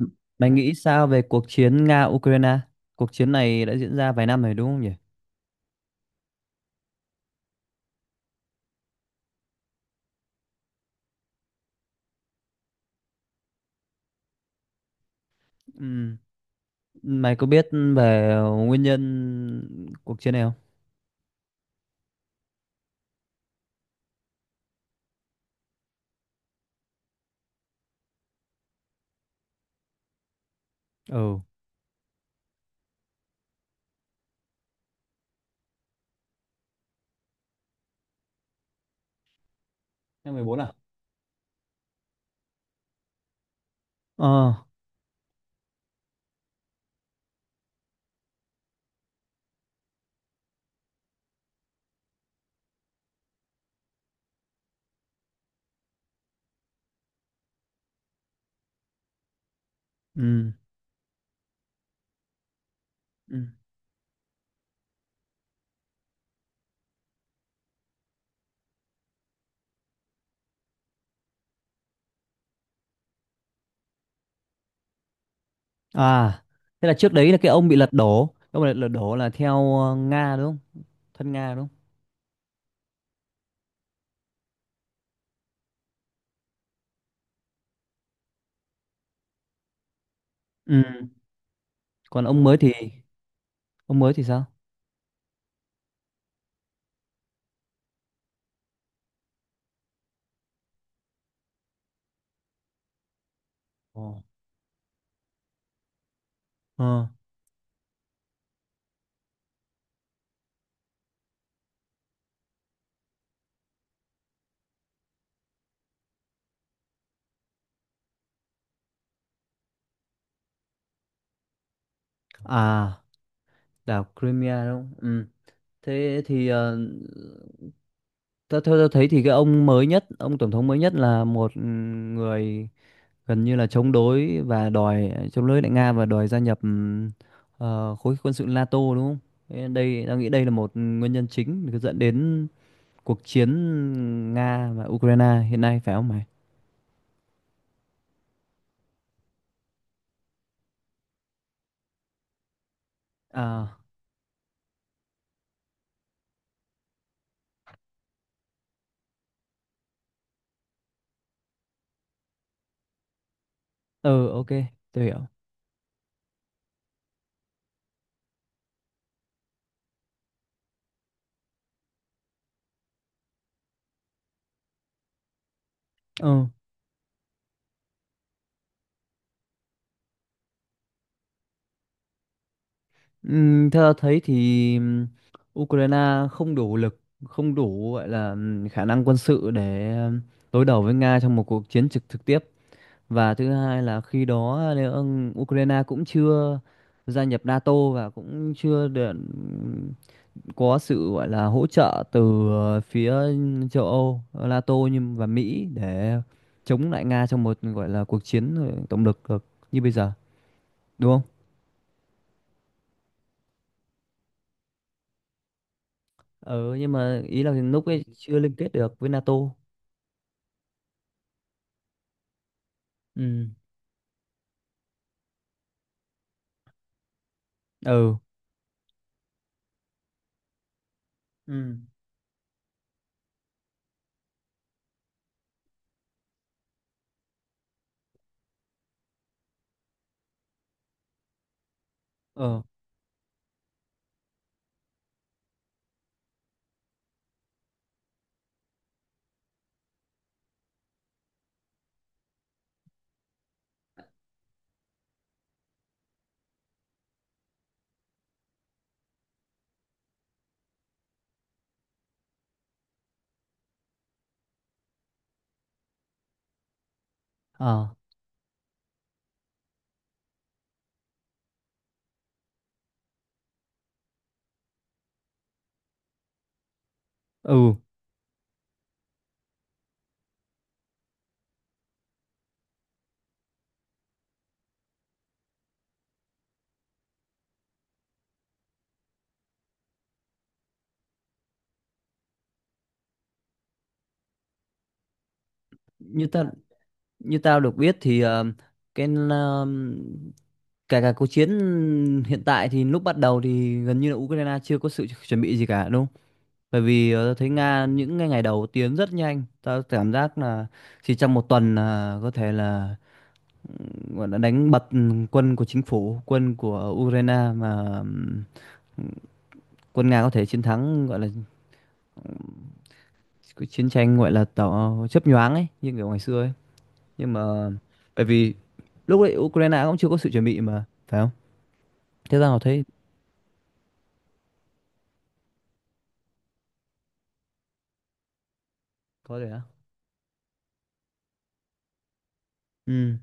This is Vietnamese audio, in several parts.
Ừ. Bạn nghĩ sao về cuộc chiến Nga-Ukraine? Cuộc chiến này đã diễn ra vài năm rồi đúng không nhỉ? Ừ. Mày có biết về nguyên nhân cuộc chiến này không? Ừ. Năm 14 à? Ờ. Ừ. Ừ. À, thế là trước đấy là cái ông bị lật đổ. Cái ông bị lật đổ là theo Nga đúng không? Thân Nga đúng không? Ừ. Còn ông mới thì sao? Ồ. Ờ. À, đảo Crimea đúng không? Ừ. Thế thì theo tôi thấy thì cái ông mới nhất, ông tổng thống mới nhất là một người gần như là chống đối và đòi chống đối lại Nga và đòi gia nhập khối quân sự NATO đúng không? Thế đây, tao nghĩ đây là một nguyên nhân chính để dẫn đến cuộc chiến Nga và Ukraine hiện nay phải không mày? À, ừ, ok, tôi hiểu. Ừ, theo tao thấy thì Ukraine không đủ lực, không đủ gọi là khả năng quân sự để đối đầu với Nga trong một cuộc chiến trực trực tiếp. Và thứ hai là khi đó nếu Ukraine cũng chưa gia nhập NATO và cũng chưa được có sự gọi là hỗ trợ từ phía châu Âu, NATO nhưng và Mỹ để chống lại Nga trong một gọi là cuộc chiến tổng lực được như bây giờ, đúng không? Ừ, nhưng mà ý là lúc ấy chưa liên kết được với NATO. Ừ. Ừ. Ừ. Ờ. Ờ. Ừ. như ta Như tao được biết thì cái cả cả cuộc chiến hiện tại thì lúc bắt đầu thì gần như là Ukraine chưa có sự chuẩn bị gì cả đúng không? Bởi vì tao thấy Nga những ngày ngày đầu tiến rất nhanh, tao cảm giác là chỉ trong một tuần là có thể là gọi là đánh bật quân của chính phủ, quân của Ukraine mà quân Nga có thể chiến thắng gọi là cái chiến tranh gọi là tỏ chớp nhoáng ấy như kiểu ngày xưa ấy nhưng mà bởi vì lúc đấy Ukraine cũng chưa có sự chuẩn bị mà phải không? Thế ra họ thấy có thể á. Ừ.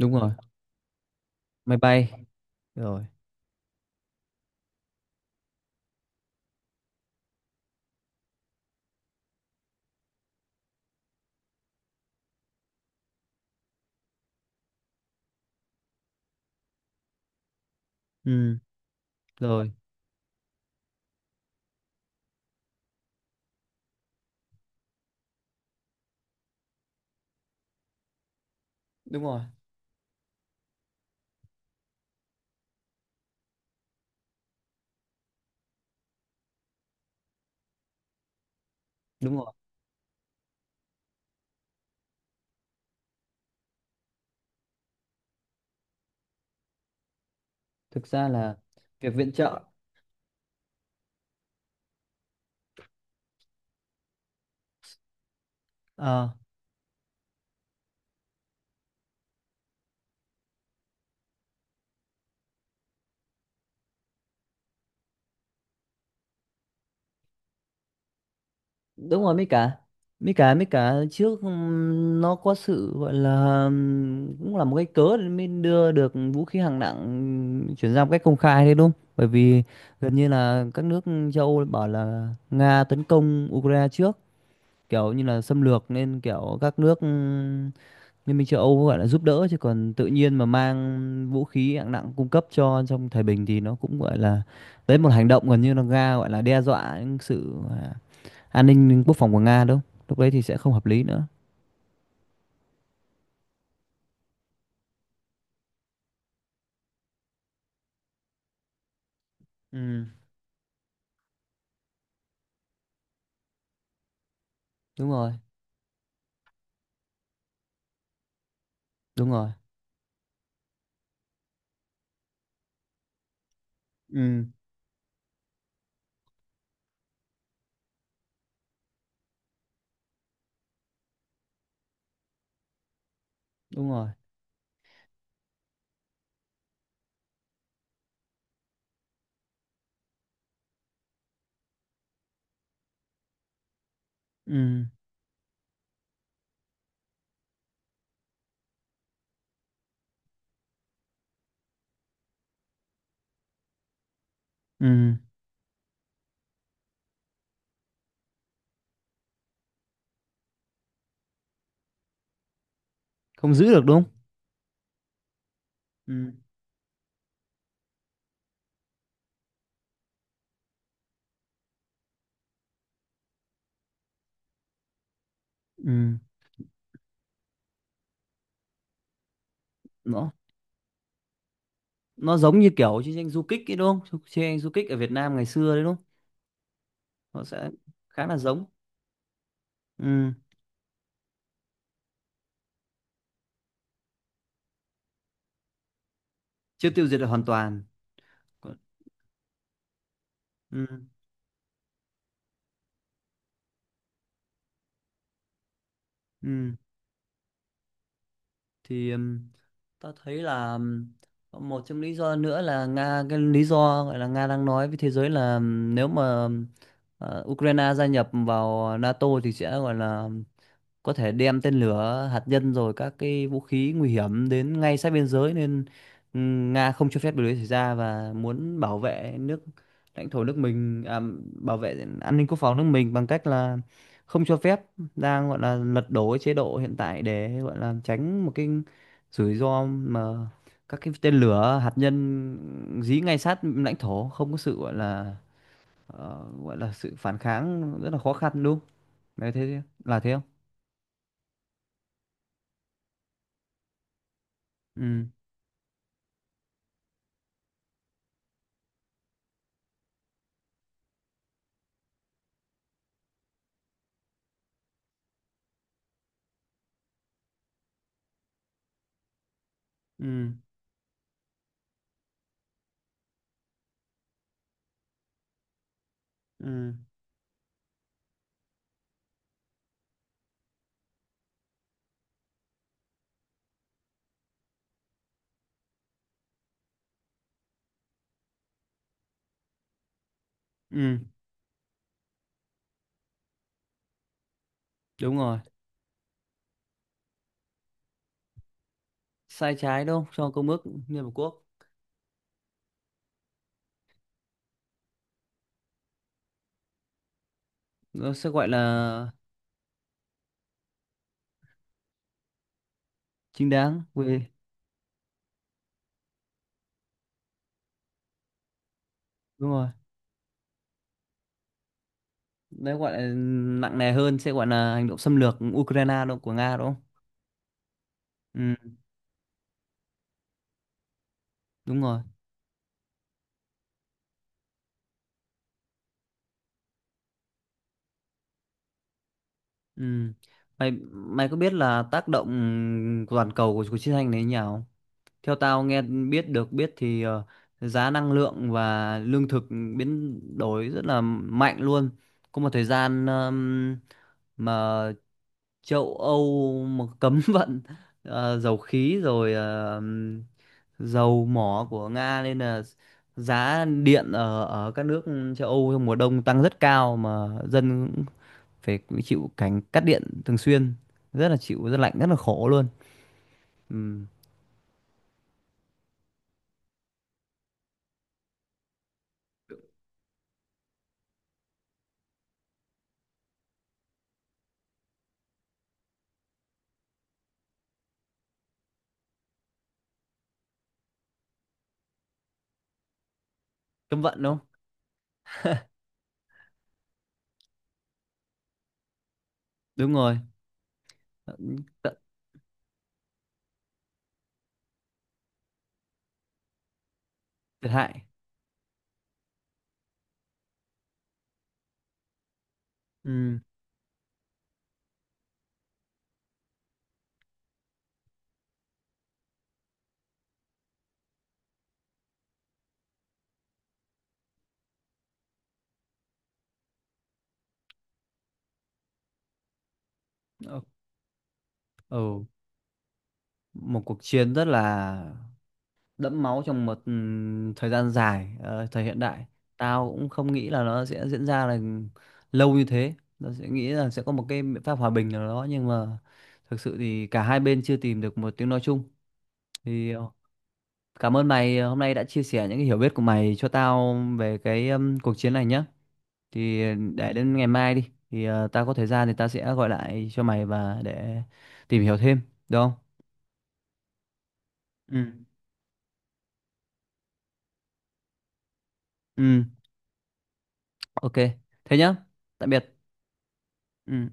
Đúng rồi. Máy bay. Rồi. Ừ. Rồi. Đúng rồi. Đúng rồi. Thực ra là việc viện trợ. Ờ. Đúng rồi. Mấy cả trước nó có sự gọi là cũng là một cái cớ để mới đưa được vũ khí hạng nặng chuyển ra một cách công khai đấy đúng không? Bởi vì gần như là các nước châu Âu bảo là Nga tấn công Ukraine trước kiểu như là xâm lược nên kiểu các nước Liên minh châu Âu gọi là giúp đỡ chứ còn tự nhiên mà mang vũ khí hạng nặng cung cấp cho trong thời bình thì nó cũng gọi là đấy một hành động gần như là Nga gọi là đe dọa những sự an ninh quốc phòng của Nga đúng không? Lúc đấy thì sẽ không hợp lý nữa. Ừ, đúng rồi, đúng rồi. Ừ, đúng rồi. Ừ, ừ, không giữ được đúng không? Ừ, ừ. Nó nó giống như kiểu chiến tranh du kích ấy đúng không? Chiến tranh du kích ở Việt Nam ngày xưa đấy đúng không? Nó sẽ khá là giống. Ừ. Chưa tiêu diệt được hoàn toàn. Còn- ừ. Ừ. Thì ta thấy là một trong lý do nữa là Nga, cái lý do gọi là Nga đang nói với thế giới là nếu mà Ukraine gia nhập vào NATO thì sẽ gọi là có thể đem tên lửa hạt nhân rồi các cái vũ khí nguy hiểm đến ngay sát biên giới nên Nga không cho phép điều đấy xảy ra và muốn bảo vệ nước lãnh thổ nước mình, bảo vệ an ninh quốc phòng nước mình bằng cách là không cho phép, đang gọi là lật đổ cái chế độ hiện tại để gọi là tránh một cái rủi ro mà các cái tên lửa hạt nhân dí ngay sát lãnh thổ không có sự gọi là gọi là sự phản kháng rất là khó khăn đúng không? Đấy thế là thế không? Ừ. Ừ. Ừ. Ừ. Đúng rồi. Sai trái đâu cho công ước Liên Hợp Quốc. Nó sẽ gọi là chính đáng về đúng rồi, đấy gọi là nặng nề hơn sẽ gọi là hành động xâm lược Ukraine đâu của Nga đúng không? Ừ. Đúng rồi. Ừ. Mày mày có biết là tác động của toàn cầu của cuộc chiến tranh này như nào? Theo tao nghe biết được biết thì giá năng lượng và lương thực biến đổi rất là mạnh luôn. Có một thời gian mà châu Âu mà cấm vận dầu khí rồi dầu mỏ của Nga nên là giá điện ở ở các nước châu Âu trong mùa đông tăng rất cao mà dân phải chịu cảnh cắt điện thường xuyên, rất là chịu rất lạnh rất là khổ luôn. Ừ. Cấm vận đúng không? Đúng rồi. Tận. Thiệt hại. Ừ. Ờ, ừ. Một cuộc chiến rất là đẫm máu trong một thời gian dài, thời hiện đại. Tao cũng không nghĩ là nó sẽ diễn ra là lâu như thế, nó sẽ nghĩ là sẽ có một cái biện pháp hòa bình nào đó nhưng mà thực sự thì cả hai bên chưa tìm được một tiếng nói chung thì, cảm ơn mày hôm nay đã chia sẻ những cái hiểu biết của mày cho tao về cái cuộc chiến này nhé. Thì để đến ngày mai đi, thì tao có thời gian thì tao sẽ gọi lại cho mày và để tìm hiểu thêm, được không? Ừ. Ừ, ok. Thế nhá. Tạm biệt. Ừ.